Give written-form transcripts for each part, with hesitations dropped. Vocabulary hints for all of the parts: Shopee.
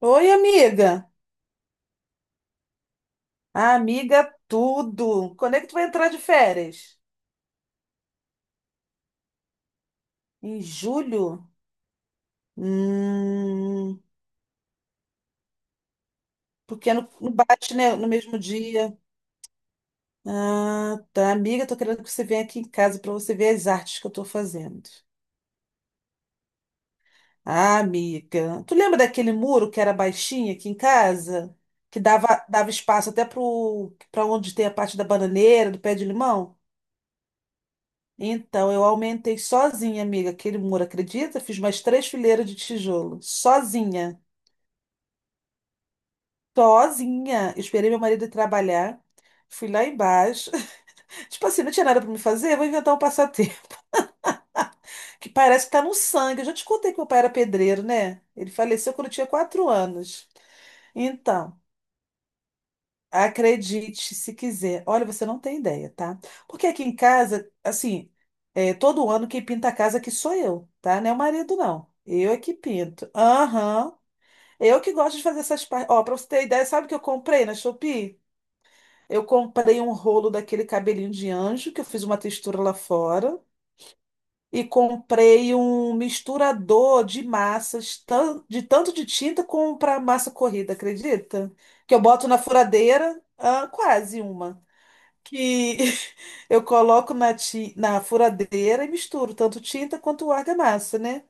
Oi, amiga. Ah, amiga, tudo. Quando é que tu vai entrar de férias? Em julho? Hum, porque não bate, né, no mesmo dia. Ah, tá. Amiga, tô querendo que você venha aqui em casa para você ver as artes que eu tô fazendo. Ah, amiga. Tu lembra daquele muro que era baixinho aqui em casa? Que dava espaço até para onde tem a parte da bananeira, do pé de limão? Então, eu aumentei sozinha, amiga, aquele muro, acredita? Fiz mais três fileiras de tijolo, sozinha. Eu esperei meu marido ir trabalhar, fui lá embaixo. Tipo assim, não tinha nada para me fazer, vou inventar um passatempo, que parece que tá no sangue. Eu já te contei que meu pai era pedreiro, né? Ele faleceu quando eu tinha 4 anos. Então. Acredite, se quiser. Olha, você não tem ideia, tá? Porque aqui em casa, assim, todo ano quem pinta a casa aqui sou eu, tá? Não é o marido, não. Eu é que pinto. Aham. Eu que gosto de fazer essas partes. Ó, pra você ter ideia, sabe o que eu comprei na Shopee? Eu comprei um rolo daquele cabelinho de anjo, que eu fiz uma textura lá fora. E comprei um misturador de massas, de tanto de tinta como para massa corrida, acredita? Que eu boto na furadeira, quase uma que eu coloco na furadeira e misturo tanto tinta quanto argamassa, né?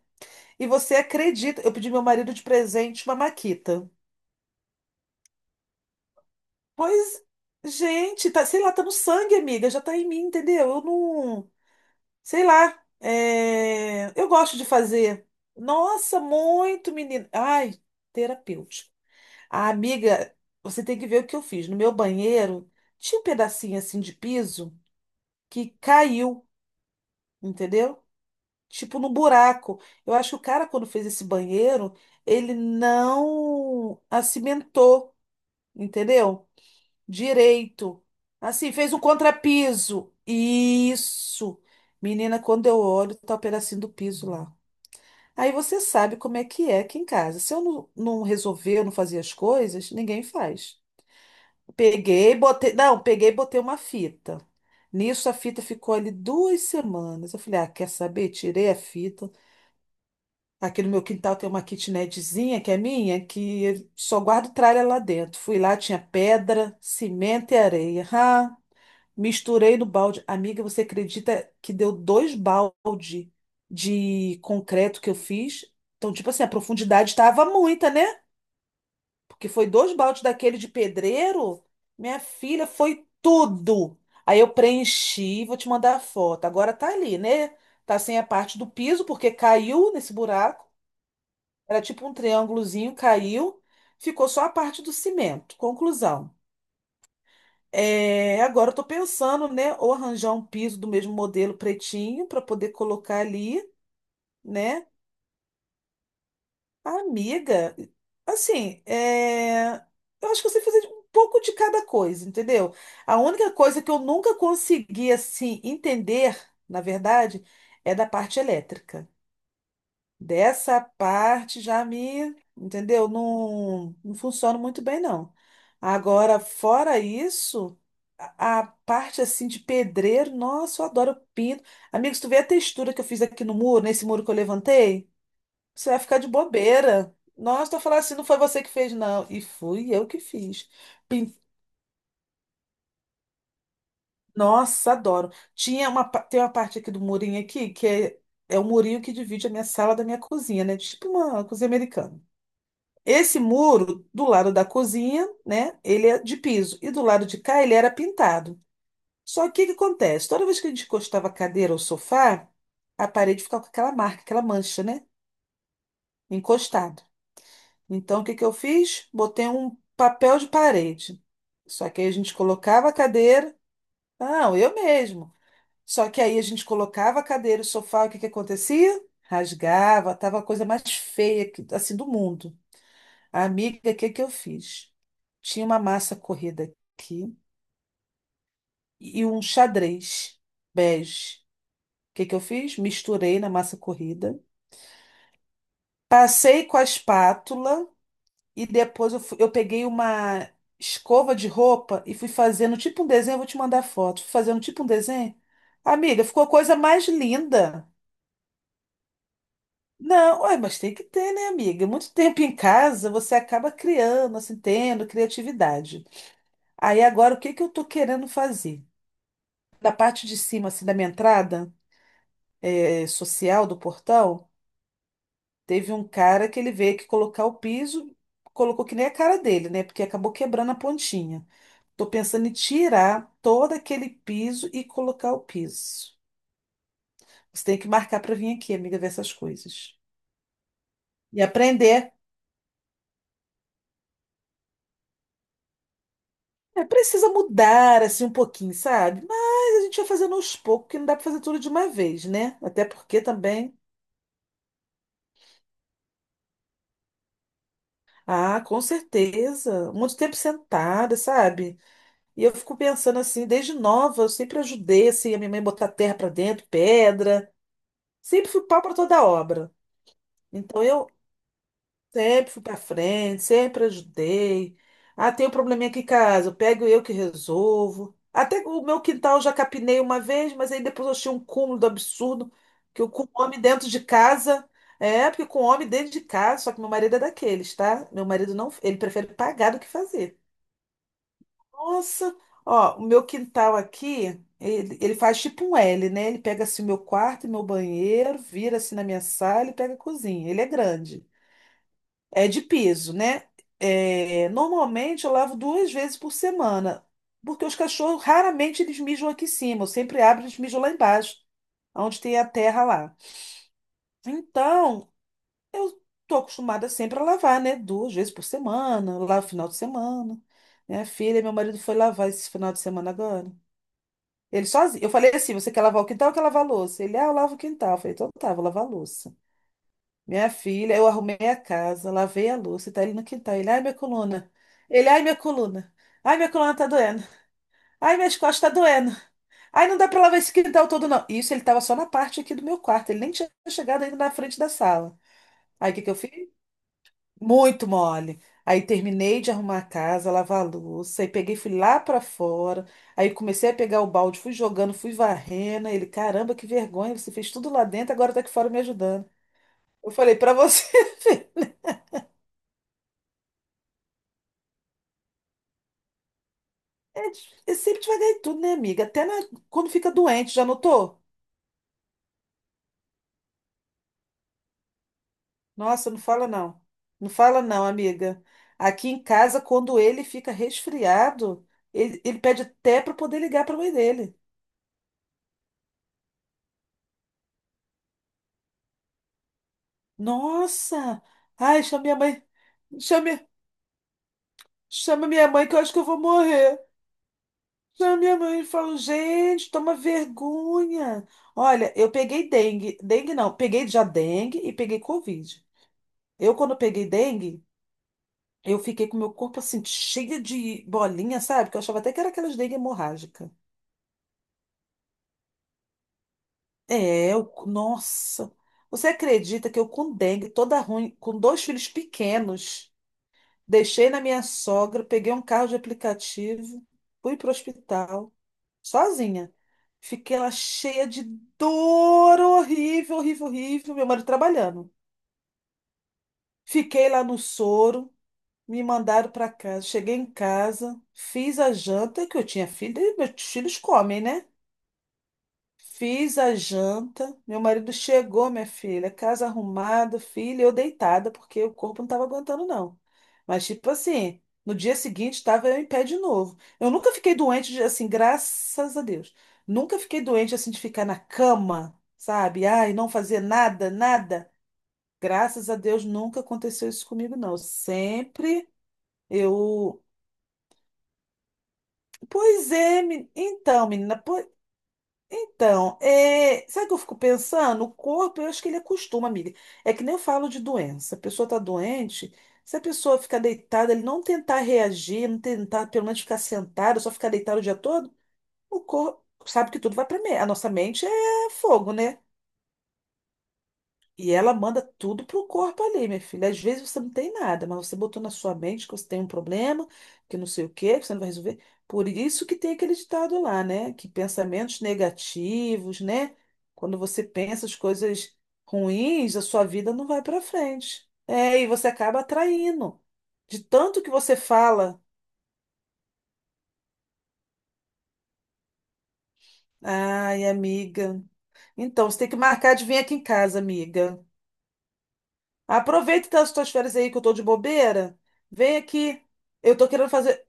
E você acredita? Eu pedi meu marido de presente uma maquita. Pois, gente, tá, sei lá, tá no sangue, amiga, já tá em mim, entendeu? Eu não, sei lá, eu gosto de fazer. Nossa, muito menina. Ai, terapêutico. A amiga, você tem que ver o que eu fiz. No meu banheiro, tinha um pedacinho assim de piso que caiu, entendeu? Tipo, no buraco. Eu acho que o cara, quando fez esse banheiro, ele não acimentou, entendeu? Direito. Assim, fez um contrapiso. Isso. Menina, quando eu olho, tá o pedacinho do piso lá. Aí você sabe como é que é aqui em casa. Se eu não resolver, eu não fazer as coisas, ninguém faz. Peguei, botei. Não, peguei e botei uma fita. Nisso a fita ficou ali 2 semanas. Eu falei, ah, quer saber? Tirei a fita. Tá. Aqui no meu quintal tem uma kitnetzinha que é minha, que eu só guardo tralha lá dentro. Fui lá, tinha pedra, cimento e areia. Ah, misturei no balde. Amiga, você acredita que deu 2 balde de concreto que eu fiz? Então, tipo assim, a profundidade estava muita, né? Porque foi 2 baldes daquele de pedreiro. Minha filha, foi tudo. Aí eu preenchi, vou te mandar a foto. Agora tá ali, né? Tá sem a parte do piso, porque caiu nesse buraco. Era tipo um triângulozinho, caiu, ficou só a parte do cimento. Conclusão. É, agora eu tô pensando, né, ou arranjar um piso do mesmo modelo pretinho para poder colocar ali, né? Amiga, assim, é, eu acho que eu sei fazer um pouco de cada coisa, entendeu? A única coisa que eu nunca consegui, assim, entender, na verdade, é da parte elétrica. Dessa parte já me, entendeu? Não funciona muito bem, não. Agora, fora isso, a parte assim de pedreiro, nossa, eu adoro eu pinto. Amigos, tu vê a textura que eu fiz aqui no muro, nesse muro que eu levantei? Você vai ficar de bobeira. Nossa, tô falando assim, não foi você que fez, não. E fui eu que fiz. Pin- Nossa, adoro. Tinha uma, tem uma parte aqui do murinho aqui, é o murinho que divide a minha sala da minha cozinha, né? Tipo uma cozinha americana. Esse muro do lado da cozinha, né, ele é de piso e do lado de cá ele era pintado. Só que o que acontece? Toda vez que a gente encostava a cadeira ou o sofá, a parede ficava com aquela marca, aquela mancha, né, encostado. Então o que que eu fiz? Botei um papel de parede. Só que aí a gente colocava a cadeira, não, eu mesmo. Só que aí a gente colocava a cadeira, o sofá, o que que acontecia? Rasgava, tava a coisa mais feia assim do mundo. Amiga, o que que eu fiz? Tinha uma massa corrida aqui e um xadrez bege. O que que eu fiz? Misturei na massa corrida, passei com a espátula e depois eu peguei uma escova de roupa e fui fazendo tipo um desenho. Eu vou te mandar foto. Fui fazendo tipo um desenho. Amiga, ficou a coisa mais linda. Não, ué, mas tem que ter, né, amiga? Muito tempo em casa, você acaba criando, assim, tendo criatividade. Aí agora, o que que eu tô querendo fazer? Da parte de cima, assim, da minha entrada social do portão, teve um cara que ele veio aqui colocar o piso, colocou que nem a cara dele, né? Porque acabou quebrando a pontinha. Tô pensando em tirar todo aquele piso e colocar o piso. Você tem que marcar para vir aqui, amiga, ver essas coisas. E aprender. É, precisa mudar, assim, um pouquinho, sabe? Mas a gente vai fazendo aos poucos, que não dá para fazer tudo de uma vez, né? Até porque também... Ah, com certeza. Muito tempo sentada, sabe? E eu fico pensando assim, desde nova, eu sempre ajudei assim, a minha mãe botar terra para dentro, pedra, sempre fui pau para toda obra. Então eu sempre fui para frente, sempre ajudei. Ah, tem um probleminha aqui em casa, eu pego eu que resolvo. Até o meu quintal eu já capinei uma vez, mas aí depois eu achei um cúmulo do absurdo que eu com um homem dentro de casa, porque com um homem dentro de casa, só que meu marido é daqueles, tá? Meu marido não, ele prefere pagar do que fazer. Nossa, ó, o meu quintal aqui, ele faz tipo um L, né? Ele pega assim o meu quarto e meu banheiro, vira assim na minha sala e pega a cozinha. Ele é grande. É de piso, né? É, normalmente eu lavo 2 vezes por semana, porque os cachorros raramente eles mijam aqui em cima. Eu sempre abro e eles mijam lá embaixo, onde tem a terra lá. Então, eu tô acostumada sempre a lavar, né? Duas vezes por semana, eu lavo final de semana. Minha filha, e meu marido foi lavar esse final de semana agora. Ele sozinho. Eu falei assim: você quer lavar o quintal ou quer lavar a louça? Ele, ah, eu lavo o quintal. Eu falei, então tá, vou lavar a louça. Minha filha, eu arrumei a casa, lavei a louça, e tá ele no quintal. Ele, ai, minha coluna. Ele, ai, minha coluna. Ai, minha coluna tá doendo. Ai, minhas costas tá doendo. Ai, não dá pra lavar esse quintal todo, não. Isso ele tava só na parte aqui do meu quarto. Ele nem tinha chegado ainda na frente da sala. Aí o que que eu fiz? Muito mole. Aí terminei de arrumar a casa, lavar a louça, aí peguei, fui lá pra fora, aí comecei a pegar o balde, fui jogando, fui varrendo. Aí ele, caramba, que vergonha, você fez tudo lá dentro, agora tá aqui fora me ajudando. Eu falei, pra você, ver, é, di- é sempre devagar em tudo, né, amiga? Quando fica doente, já notou? Nossa, não fala não. Não fala não, amiga. Aqui em casa, quando ele fica resfriado, ele pede até pra poder ligar pra mãe dele. Nossa! Ai, chama minha mãe. Chama, chama minha mãe que eu acho que eu vou morrer. Chama minha mãe e falo, gente, toma vergonha. Olha, eu peguei dengue. Dengue não, peguei já dengue e peguei Covid. Eu, quando peguei dengue, eu fiquei com meu corpo assim, cheio de bolinha, sabe? Que eu achava até que era aquelas dengue hemorrágica. É, eu, nossa. Você acredita que eu com dengue, toda ruim, com 2 filhos pequenos. Deixei na minha sogra, peguei um carro de aplicativo, fui para o hospital, sozinha. Fiquei lá cheia de dor, horrível, horrível, horrível. Meu marido trabalhando. Fiquei lá no soro, me mandaram para casa. Cheguei em casa, fiz a janta que eu tinha filho, e meus filhos comem, né? Fiz a janta, meu marido chegou, minha filha, casa arrumada, filha, eu deitada, porque o corpo não estava aguentando, não. Mas, tipo assim, no dia seguinte estava eu em pé de novo. Eu nunca fiquei doente, assim, graças a Deus. Nunca fiquei doente, assim, de ficar na cama, sabe? Ai, não fazer nada, nada. Graças a Deus nunca aconteceu isso comigo, não. Sempre eu. Pois é, então, menina. Então, é, sabe o que eu fico pensando? O corpo, eu acho que ele acostuma, amiga. É que nem eu falo de doença. A pessoa está doente, se a pessoa ficar deitada, ele não tentar reagir, não tentar pelo menos ficar sentado, só ficar deitado o dia todo, o corpo sabe que tudo vai para a nossa mente é fogo, né? E ela manda tudo pro corpo ali, minha filha. Às vezes você não tem nada, mas você botou na sua mente que você tem um problema, que não sei o quê, que você não vai resolver. Por isso que tem aquele ditado lá, né? Que pensamentos negativos, né? Quando você pensa as coisas ruins, a sua vida não vai para frente. É, e você acaba atraindo. De tanto que você fala, ai, amiga. Então, você tem que marcar de vir aqui em casa, amiga. Aproveita então as tuas férias aí que eu tô de bobeira. Vem aqui. Eu tô querendo fazer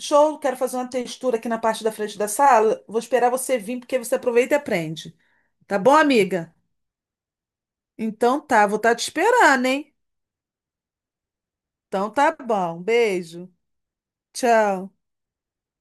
show, quero fazer uma textura aqui na parte da frente da sala. Vou esperar você vir porque você aproveita e aprende. Tá bom, amiga? Então tá, vou estar te esperando, hein? Então tá bom. Beijo. Tchau.